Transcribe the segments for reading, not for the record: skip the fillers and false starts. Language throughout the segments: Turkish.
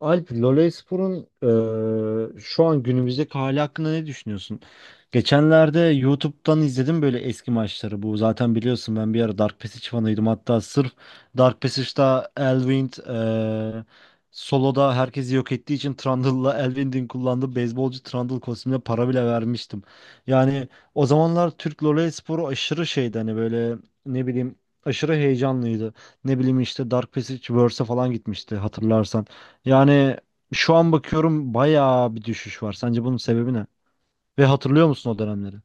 Alp, Lolaispor'un şu an günümüzdeki hali hakkında ne düşünüyorsun? Geçenlerde YouTube'dan izledim böyle eski maçları. Bu zaten biliyorsun ben bir ara Dark Passage fanıydım. Hatta sırf Dark Passage'da Elwind eee, soloda herkesi yok ettiği için Trundle'la Elwind'in kullandığı beyzbolcu Trundle kostümüne para bile vermiştim. Yani o zamanlar Türk Lolaispor'u aşırı şeydi hani böyle ne bileyim aşırı heyecanlıydı. Ne bileyim işte Dark Passage Verse'e falan gitmişti hatırlarsan. Yani şu an bakıyorum bayağı bir düşüş var. Sence bunun sebebi ne? Ve hatırlıyor musun o dönemleri?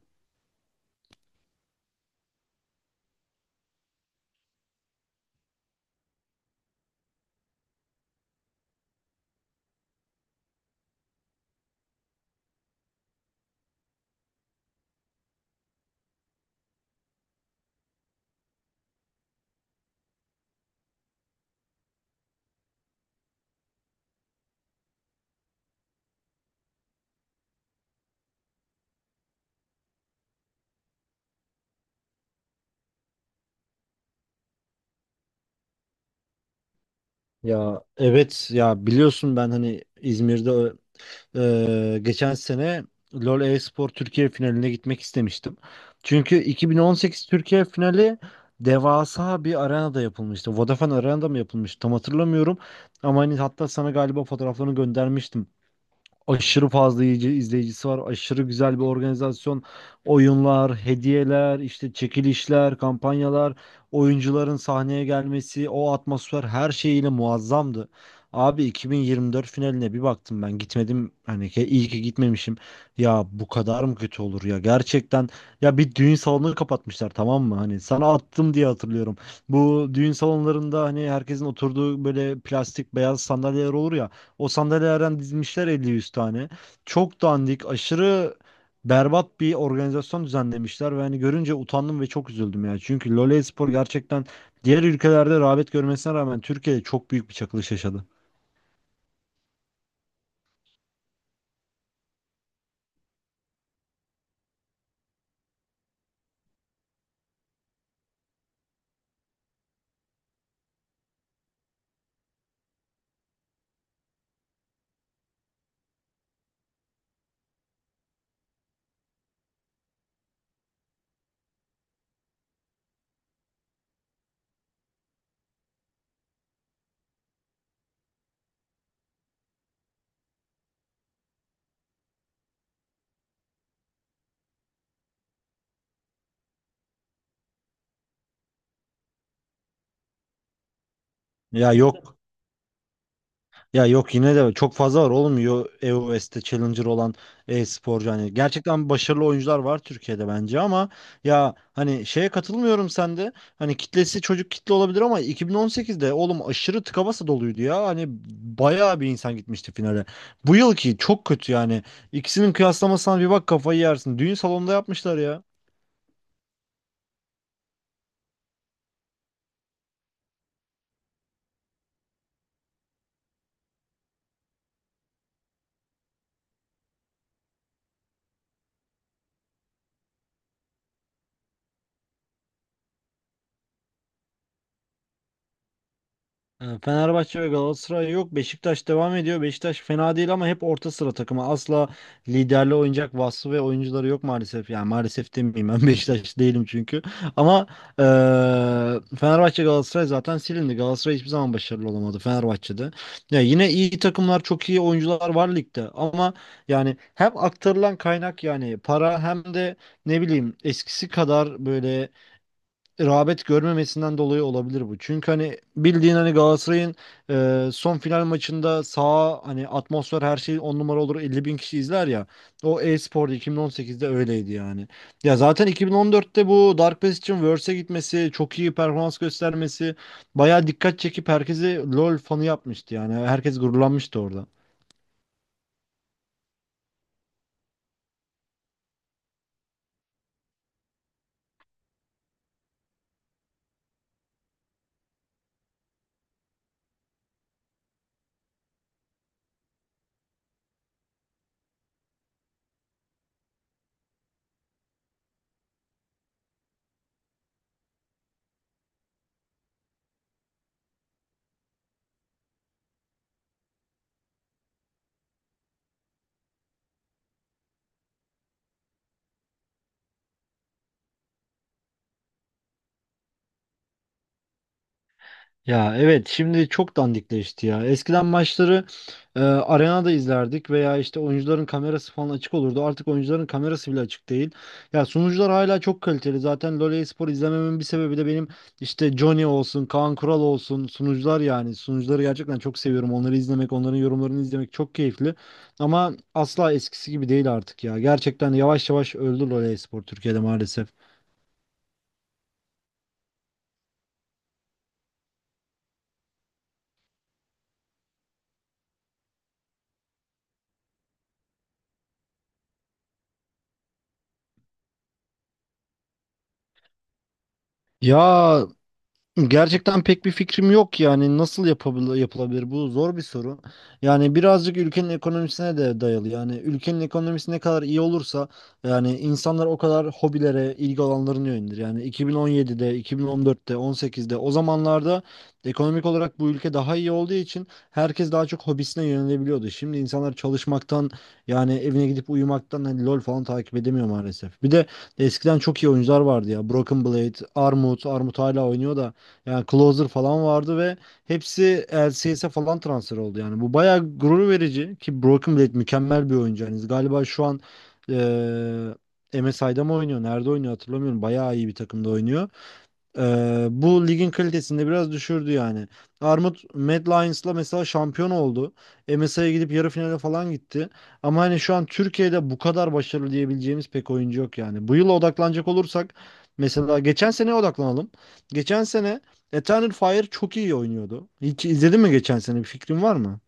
Ya evet ya biliyorsun ben hani İzmir'de geçen sene LoL e-spor Türkiye finaline gitmek istemiştim. Çünkü 2018 Türkiye finali devasa bir arenada yapılmıştı. Vodafone Arena'da mı yapılmıştı tam hatırlamıyorum. Ama hani hatta sana galiba fotoğraflarını göndermiştim. Aşırı fazla iyice izleyicisi var. Aşırı güzel bir organizasyon. Oyunlar, hediyeler, işte çekilişler, kampanyalar, oyuncuların sahneye gelmesi, o atmosfer her şeyiyle muazzamdı. Abi 2024 finaline bir baktım ben gitmedim hani ki iyi ki gitmemişim. Ya bu kadar mı kötü olur ya gerçekten ya bir düğün salonunu kapatmışlar tamam mı? Hani sana attım diye hatırlıyorum. Bu düğün salonlarında hani herkesin oturduğu böyle plastik beyaz sandalyeler olur ya. O sandalyelerden dizmişler 50-100 tane. Çok dandik, aşırı berbat bir organizasyon düzenlemişler ve hani görünce utandım ve çok üzüldüm ya. Çünkü LoL Espor gerçekten diğer ülkelerde rağbet görmesine rağmen Türkiye'de çok büyük bir çakılış yaşadı. Ya yok. Ya yok yine de çok fazla var olmuyor EOS'te Challenger olan e-sporcu hani gerçekten başarılı oyuncular var Türkiye'de bence ama ya hani şeye katılmıyorum sende hani kitlesi çocuk kitle olabilir ama 2018'de oğlum aşırı tıka basa doluydu ya hani bayağı bir insan gitmişti finale. Bu yılki çok kötü yani ikisinin kıyaslamasına bir bak kafayı yersin düğün salonunda yapmışlar ya. Fenerbahçe ve Galatasaray yok. Beşiktaş devam ediyor. Beşiktaş fena değil ama hep orta sıra takımı. Asla liderli oynayacak vasfı ve oyuncuları yok maalesef. Yani maalesef demeyeyim ben Beşiktaş değilim çünkü. Ama e, Fenerbahçe Galatasaray zaten silindi. Galatasaray hiçbir zaman başarılı olamadı Fenerbahçe'de. Ya yine iyi takımlar, çok iyi oyuncular var ligde ama yani hem aktarılan kaynak yani para hem de ne bileyim eskisi kadar böyle rağbet görmemesinden dolayı olabilir bu. Çünkü hani bildiğin hani Galatasaray'ın son final maçında saha hani atmosfer her şey on numara olur 50 bin kişi izler ya. O e-spor'da 2018'de öyleydi yani. Ya zaten 2014'te bu Dark Pass için Worlds'e gitmesi, çok iyi performans göstermesi bayağı dikkat çekip herkesi LoL fanı yapmıştı yani. Herkes gururlanmıştı orada. Ya evet şimdi çok dandikleşti ya. Eskiden maçları arenada izlerdik veya işte oyuncuların kamerası falan açık olurdu. Artık oyuncuların kamerası bile açık değil. Ya sunucular hala çok kaliteli. Zaten LoL spor izlememin bir sebebi de benim işte Johnny olsun, Kaan Kural olsun sunucular yani. Sunucuları gerçekten çok seviyorum. Onları izlemek, onların yorumlarını izlemek çok keyifli. Ama asla eskisi gibi değil artık ya. Gerçekten yavaş yavaş öldü LoL spor Türkiye'de maalesef. Ya gerçekten pek bir fikrim yok yani nasıl yapılabilir bu zor bir soru. Yani birazcık ülkenin ekonomisine de dayalı. Yani ülkenin ekonomisi ne kadar iyi olursa yani insanlar o kadar hobilere, ilgi alanlarına yönelir. Yani 2017'de, 2014'te, 18'de o zamanlarda ekonomik olarak bu ülke daha iyi olduğu için herkes daha çok hobisine yönelebiliyordu. Şimdi insanlar çalışmaktan yani evine gidip uyumaktan hani LOL falan takip edemiyor maalesef. Bir de eskiden çok iyi oyuncular vardı ya. Broken Blade, Armut hala oynuyor da yani Closer falan vardı ve hepsi LCS'e falan transfer oldu. Yani bu bayağı gurur verici ki Broken Blade mükemmel bir oyuncu. Yani galiba şu an MSI'da mı oynuyor? Nerede oynuyor hatırlamıyorum. Bayağı iyi bir takımda oynuyor. Bu ligin kalitesini de biraz düşürdü yani. Armut Mad Lions'la mesela şampiyon oldu. MSI'ye gidip yarı finale falan gitti. Ama hani şu an Türkiye'de bu kadar başarılı diyebileceğimiz pek oyuncu yok yani. Bu yıla odaklanacak olursak mesela geçen seneye odaklanalım. Geçen sene Eternal Fire çok iyi oynuyordu. Hiç izledin mi geçen sene? Bir fikrin var mı?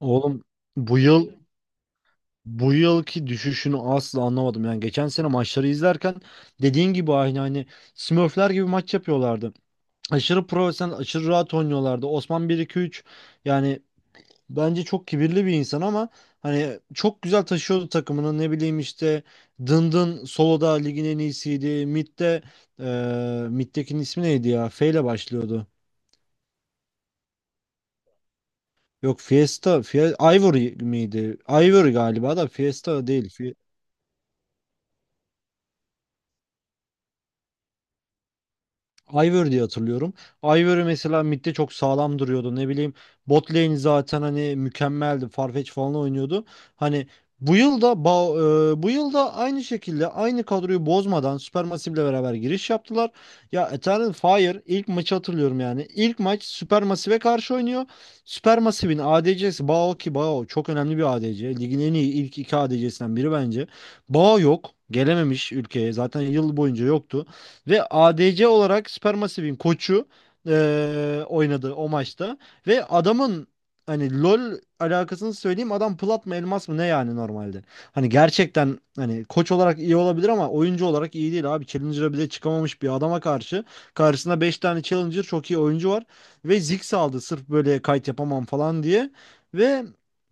Oğlum bu yıl bu yılki düşüşünü asla anlamadım. Yani geçen sene maçları izlerken dediğin gibi aynı hani Smurfler gibi maç yapıyorlardı. Aşırı profesyonel, aşırı rahat oynuyorlardı. Osman 1-2-3 yani bence çok kibirli bir insan ama hani çok güzel taşıyordu takımını. Ne bileyim işte Dındın soloda ligin en iyisiydi. Mid'de Mid'dekinin ismi neydi ya? F ile başlıyordu. Yok Fiesta, Ivory miydi? Ivory galiba da Fiesta değil. Ivor diye hatırlıyorum. Ivory mesela midde çok sağlam duruyordu. Ne bileyim bot lane zaten hani mükemmeldi. Farfetch falan oynuyordu. Hani bu yıl da bu yıl da aynı şekilde aynı kadroyu bozmadan Supermassive ile beraber giriş yaptılar. Ya Eternal Fire ilk maçı hatırlıyorum yani. İlk maç Supermassive'e karşı oynuyor. Supermassive'in ADC'si Bao ki Bao çok önemli bir ADC. Ligin en iyi ilk iki ADC'sinden biri bence. Bao yok. Gelememiş ülkeye. Zaten yıl boyunca yoktu. Ve ADC olarak Supermassive'in koçu oynadı o maçta. Ve adamın hani LoL alakasını söyleyeyim adam plat mı elmas mı ne yani normalde. Hani gerçekten hani koç olarak iyi olabilir ama oyuncu olarak iyi değil abi. Challenger'a bile çıkamamış bir adama karşı. Karşısında 5 tane Challenger çok iyi oyuncu var. Ve Ziggs aldı sırf böyle kayıt yapamam falan diye. Ve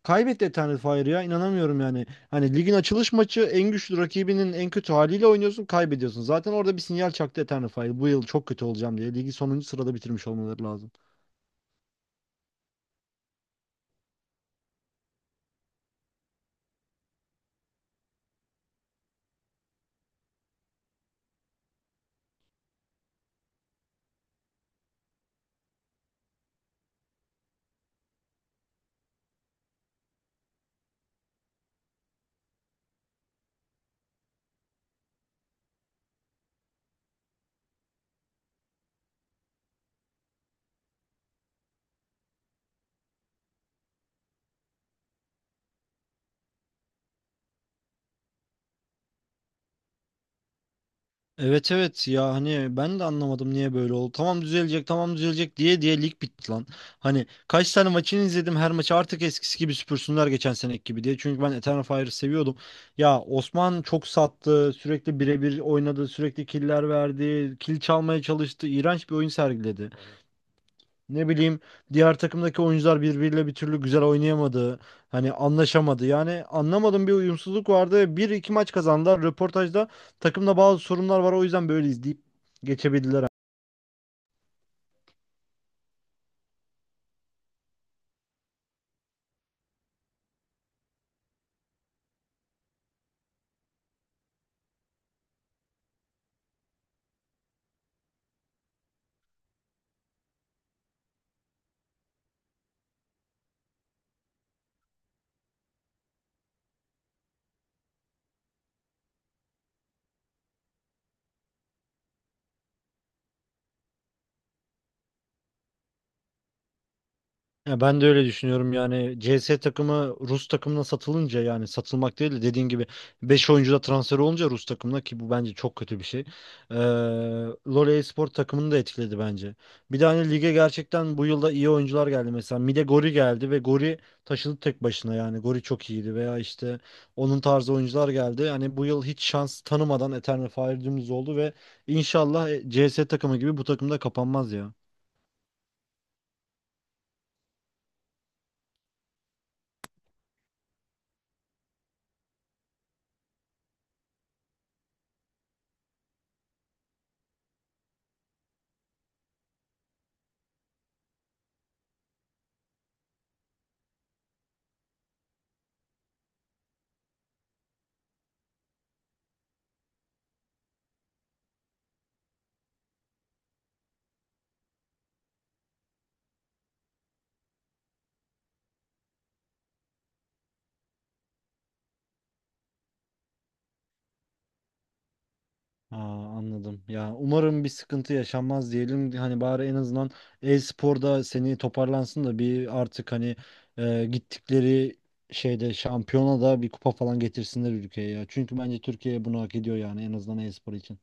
kaybetti Eternal Fire'ı ya inanamıyorum yani. Hani ligin açılış maçı en güçlü rakibinin en kötü haliyle oynuyorsun, kaybediyorsun. Zaten orada bir sinyal çaktı Eternify. Bu yıl çok kötü olacağım diye. Ligi sonuncu sırada bitirmiş olmaları lazım. Evet evet ya hani ben de anlamadım niye böyle oldu. Tamam düzelecek tamam düzelecek diye diye lig bitti lan. Hani kaç tane maçını izledim her maçı artık eskisi gibi süpürsünler geçen seneki gibi diye. Çünkü ben Eternal Fire'ı seviyordum. Ya Osman çok sattı sürekli birebir oynadı sürekli killer verdi. Kill çalmaya çalıştı. İğrenç bir oyun sergiledi. Ne bileyim diğer takımdaki oyuncular birbiriyle bir türlü güzel oynayamadı. Hani anlaşamadı. Yani anlamadım bir uyumsuzluk vardı. Bir iki maç kazandılar. Röportajda takımda bazı sorunlar var. O yüzden böyle izleyip geçebildiler. Ya ben de öyle düşünüyorum yani CS takımı Rus takımına satılınca yani satılmak değil de dediğin gibi 5 oyuncu da transfer olunca Rus takımına ki bu bence çok kötü bir şey. Ee, LoL spor takımını da etkiledi bence. Bir de hani lige gerçekten bu yılda iyi oyuncular geldi mesela Mide Gori geldi ve Gori taşıdı tek başına yani Gori çok iyiydi veya işte onun tarzı oyuncular geldi. Yani bu yıl hiç şans tanımadan Eternal Fire dümdüz oldu ve inşallah CS takımı gibi bu takımda kapanmaz ya. Aa, anladım. Ya umarım bir sıkıntı yaşanmaz diyelim. Hani bari en azından e-sporda seni toparlansın da bir artık hani gittikleri şeyde şampiyona da bir kupa falan getirsinler ülkeye ya. Çünkü bence Türkiye bunu hak ediyor yani en azından e-spor için.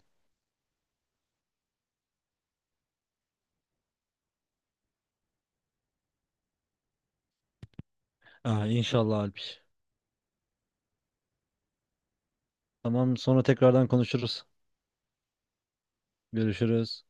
Aa, inşallah Alpiş. Tamam sonra tekrardan konuşuruz. Görüşürüz.